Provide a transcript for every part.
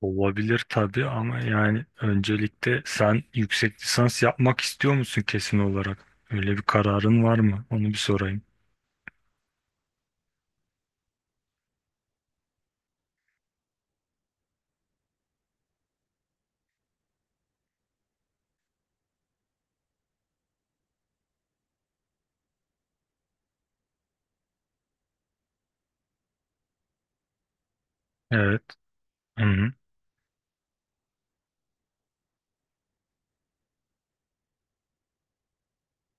Olabilir tabii ama yani öncelikle sen yüksek lisans yapmak istiyor musun kesin olarak? Öyle bir kararın var mı? Onu bir sorayım. Evet. Hı-hı.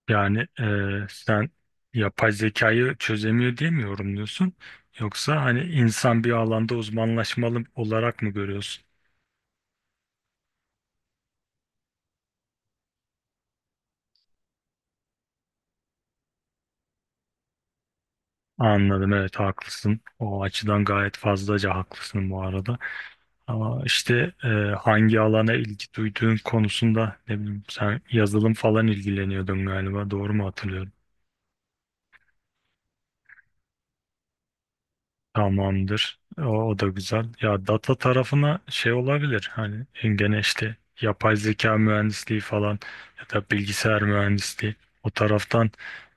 Yani sen yapay zekayı çözemiyor diye mi yorumluyorsun? Yoksa hani insan bir alanda uzmanlaşmalı olarak mı görüyorsun? Anladım, evet, haklısın. O açıdan gayet fazlaca haklısın bu arada. Ama işte hangi alana ilgi duyduğun konusunda ne bileyim sen yazılım falan ilgileniyordun galiba, doğru mu hatırlıyorum? Tamamdır. O da güzel. Ya data tarafına şey olabilir hani, gene işte yapay zeka mühendisliği falan ya da bilgisayar mühendisliği, o taraftan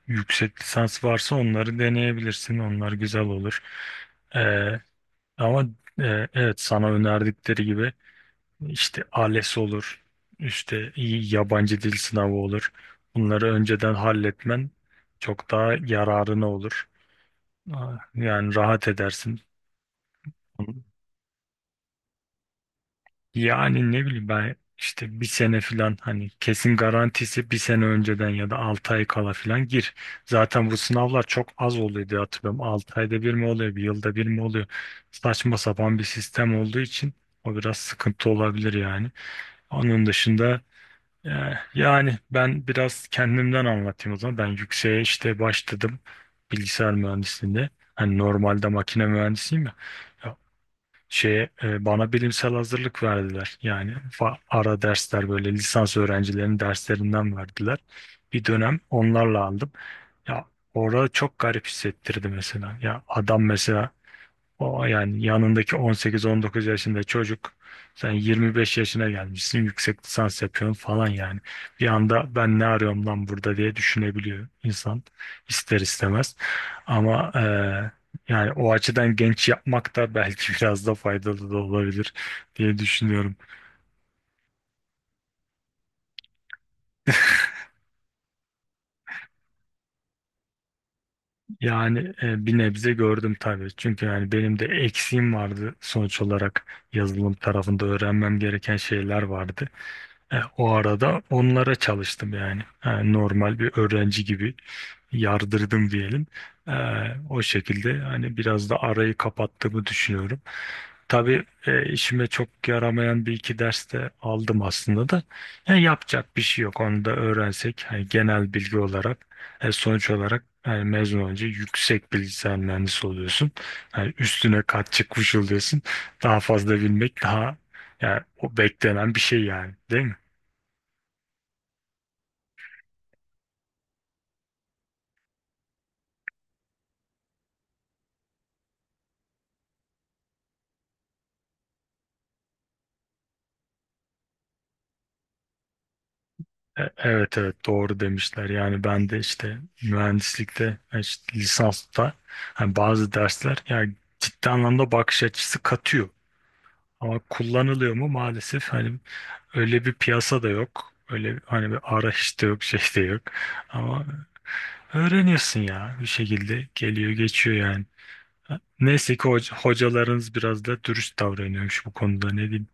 yüksek lisans varsa onları deneyebilirsin. Onlar güzel olur. E, ama evet, sana önerdikleri gibi işte ALES olur, işte iyi yabancı dil sınavı olur. Bunları önceden halletmen çok daha yararına olur. Aa, yani rahat edersin. Yani ne bileyim, ben işte bir sene falan hani kesin garantisi, bir sene önceden ya da 6 ay kala falan gir. Zaten bu sınavlar çok az oluyor diye hatırlıyorum. 6 ayda bir mi oluyor, bir yılda bir mi oluyor? Saçma sapan bir sistem olduğu için o biraz sıkıntı olabilir yani. Onun dışında, yani ben biraz kendimden anlatayım o zaman. Ben yükseğe işte başladım, bilgisayar mühendisliğinde. Hani normalde makine mühendisiyim ya. Ya şeye, bana bilimsel hazırlık verdiler. Yani ara dersler, böyle lisans öğrencilerinin derslerinden verdiler. Bir dönem onlarla aldım. Ya, orada çok garip hissettirdi mesela. Ya adam mesela, o yani yanındaki 18-19 yaşında çocuk, sen 25 yaşına gelmişsin yüksek lisans yapıyorsun falan yani. Bir anda ben ne arıyorum lan burada diye düşünebiliyor insan, ister istemez. Ama yani o açıdan genç yapmak da belki biraz da faydalı da olabilir diye düşünüyorum. Yani bir nebze gördüm tabii. Çünkü yani benim de eksiğim vardı sonuç olarak, yazılım tarafında öğrenmem gereken şeyler vardı. O arada onlara çalıştım yani. Normal bir öğrenci gibi yardırdım diyelim. E, o şekilde hani biraz da arayı kapattığımı düşünüyorum. Tabii işime çok yaramayan bir iki ders de aldım aslında da. Yapacak bir şey yok. Onu da öğrensek hani genel bilgi olarak, sonuç olarak yani mezun olunca yüksek bilgisayar mühendisi oluyorsun. Yani üstüne kat çıkmış oluyorsun. Daha fazla bilmek, daha yani o beklenen bir şey yani, değil mi? Evet, evet, doğru demişler. Yani ben de işte mühendislikte işte lisansta hani bazı dersler yani ciddi anlamda bakış açısı katıyor. Ama kullanılıyor mu maalesef, hani öyle bir piyasa da yok. Öyle hani bir arayış da yok, şey de yok. Ama öğreniyorsun ya, bir şekilde geliyor geçiyor yani. Neyse ki hocalarınız biraz da dürüst davranıyormuş bu konuda, ne diyeyim.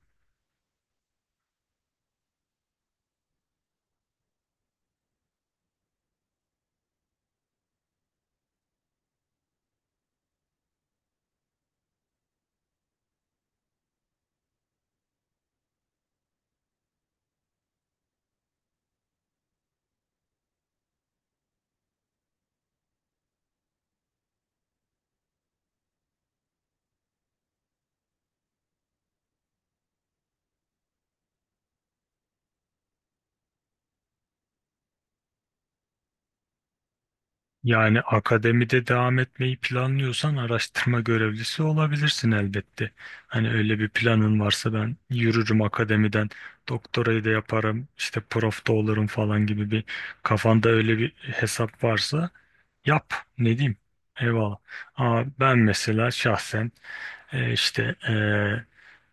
Yani akademide devam etmeyi planlıyorsan araştırma görevlisi olabilirsin elbette. Hani öyle bir planın varsa, ben yürürüm akademiden, doktorayı da yaparım, işte prof da olurum falan gibi bir, kafanda öyle bir hesap varsa yap. Ne diyeyim? Eyvallah. Ama ben mesela şahsen, işte e,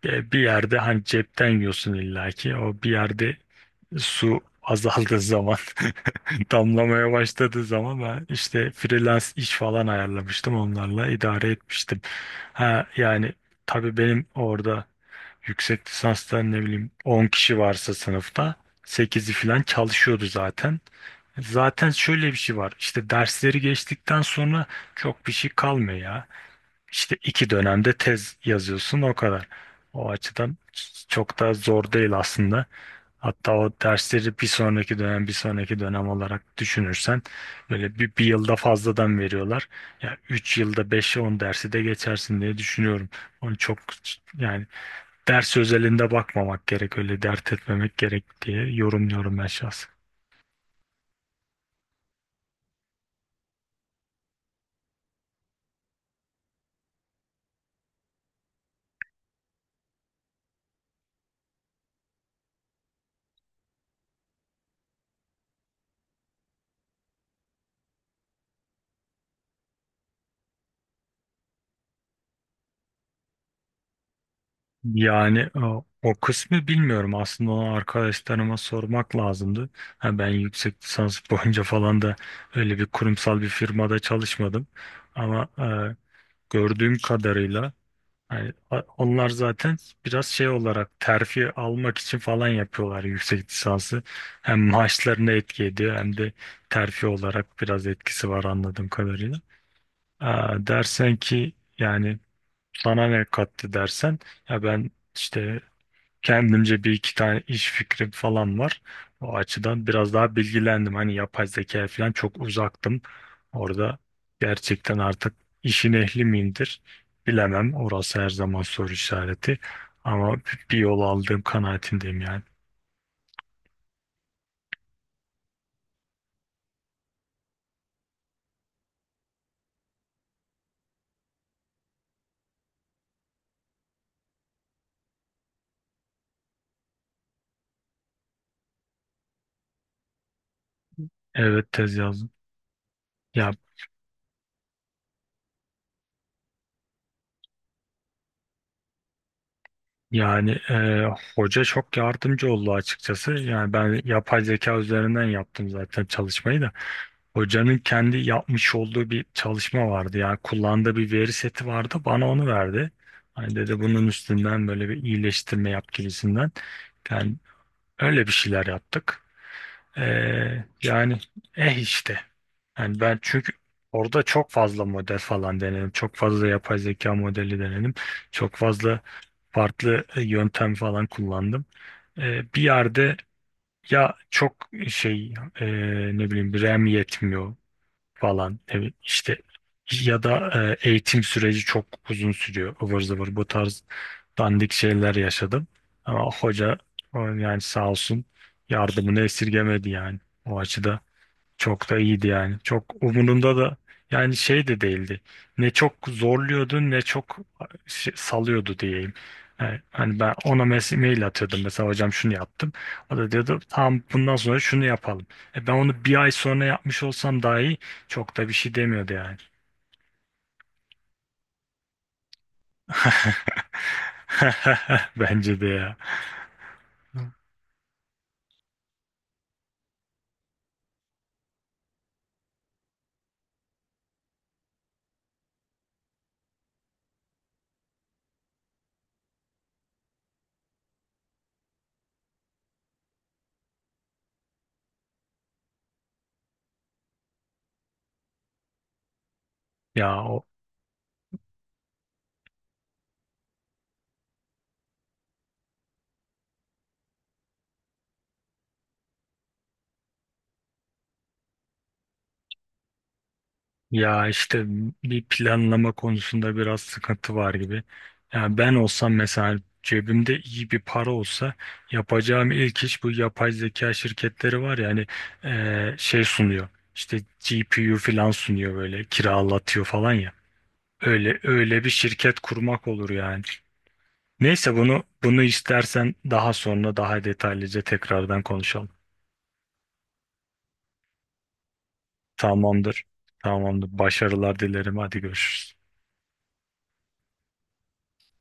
e, bir yerde hani cepten yiyorsun illaki. O bir yerde su azaldığı zaman, damlamaya başladığı zaman ben işte freelance iş falan ayarlamıştım, onlarla idare etmiştim. Ha yani tabii, benim orada yüksek lisanstan ne bileyim 10 kişi varsa sınıfta, sekizi falan çalışıyordu zaten. Zaten şöyle bir şey var, işte dersleri geçtikten sonra çok bir şey kalmıyor ya. İşte 2 dönemde tez yazıyorsun, o kadar. O açıdan çok da zor değil aslında. Hatta o dersleri bir sonraki dönem bir sonraki dönem olarak düşünürsen, böyle bir yılda fazladan veriyorlar. Ya 3 yılda 5 on dersi de geçersin diye düşünüyorum. Onu çok yani ders özelinde bakmamak gerek, öyle dert etmemek gerek diye yorumluyorum ben şahsen. Yani o kısmı bilmiyorum. Aslında onu arkadaşlarıma sormak lazımdı. Ha, ben yüksek lisans boyunca falan da öyle bir kurumsal bir firmada çalışmadım. Ama gördüğüm kadarıyla, yani onlar zaten biraz şey olarak terfi almak için falan yapıyorlar yüksek lisansı. Hem maaşlarına etki ediyor hem de terfi olarak biraz etkisi var anladığım kadarıyla. Dersen ki yani sana ne kattı dersen, ya ben işte kendimce bir iki tane iş fikrim falan var. O açıdan biraz daha bilgilendim. Hani yapay zeka falan çok uzaktım. Orada gerçekten artık işin ehli miyimdir bilemem. Orası her zaman soru işareti. Ama bir yol aldığım kanaatindeyim yani. Evet, tez yazdım. Ya yani hoca çok yardımcı oldu açıkçası. Yani ben yapay zeka üzerinden yaptım zaten çalışmayı da. Hocanın kendi yapmış olduğu bir çalışma vardı ya. Kullandığı bir veri seti vardı. Bana onu verdi. Hani dedi bunun üstünden böyle bir iyileştirme yap gibisinden. Yani öyle bir şeyler yaptık. Yani, eh işte. Yani ben çünkü orada çok fazla model falan denedim. Çok fazla yapay zeka modeli denedim. Çok fazla farklı yöntem falan kullandım. Bir yerde ya çok şey, e, ne bileyim, RAM yetmiyor falan, evet işte, ya da eğitim süreci çok uzun sürüyor, ıvır zıvır, bu tarz dandik şeyler yaşadım. Ama hoca, o yani sağ olsun yardımını esirgemedi yani, o açıda çok da iyiydi yani. Çok umurumda da yani şey de değildi. Ne çok zorluyordu ne çok salıyordu diyeyim. Yani hani ben ona mail atıyordum mesela, hocam şunu yaptım. O da diyordu tamam, bundan sonra şunu yapalım. Ben onu bir ay sonra yapmış olsam dahi çok da bir şey demiyordu yani. Bence de ya. Ya o Ya işte bir planlama konusunda biraz sıkıntı var gibi. Yani ben olsam mesela, cebimde iyi bir para olsa, yapacağım ilk iş, bu yapay zeka şirketleri var ya hani, şey sunuyor. İşte GPU falan sunuyor, böyle kiralatıyor falan ya. Öyle öyle bir şirket kurmak olur yani. Neyse, bunu istersen daha sonra daha detaylıca tekrardan konuşalım. Tamamdır. Tamamdır. Başarılar dilerim. Hadi görüşürüz.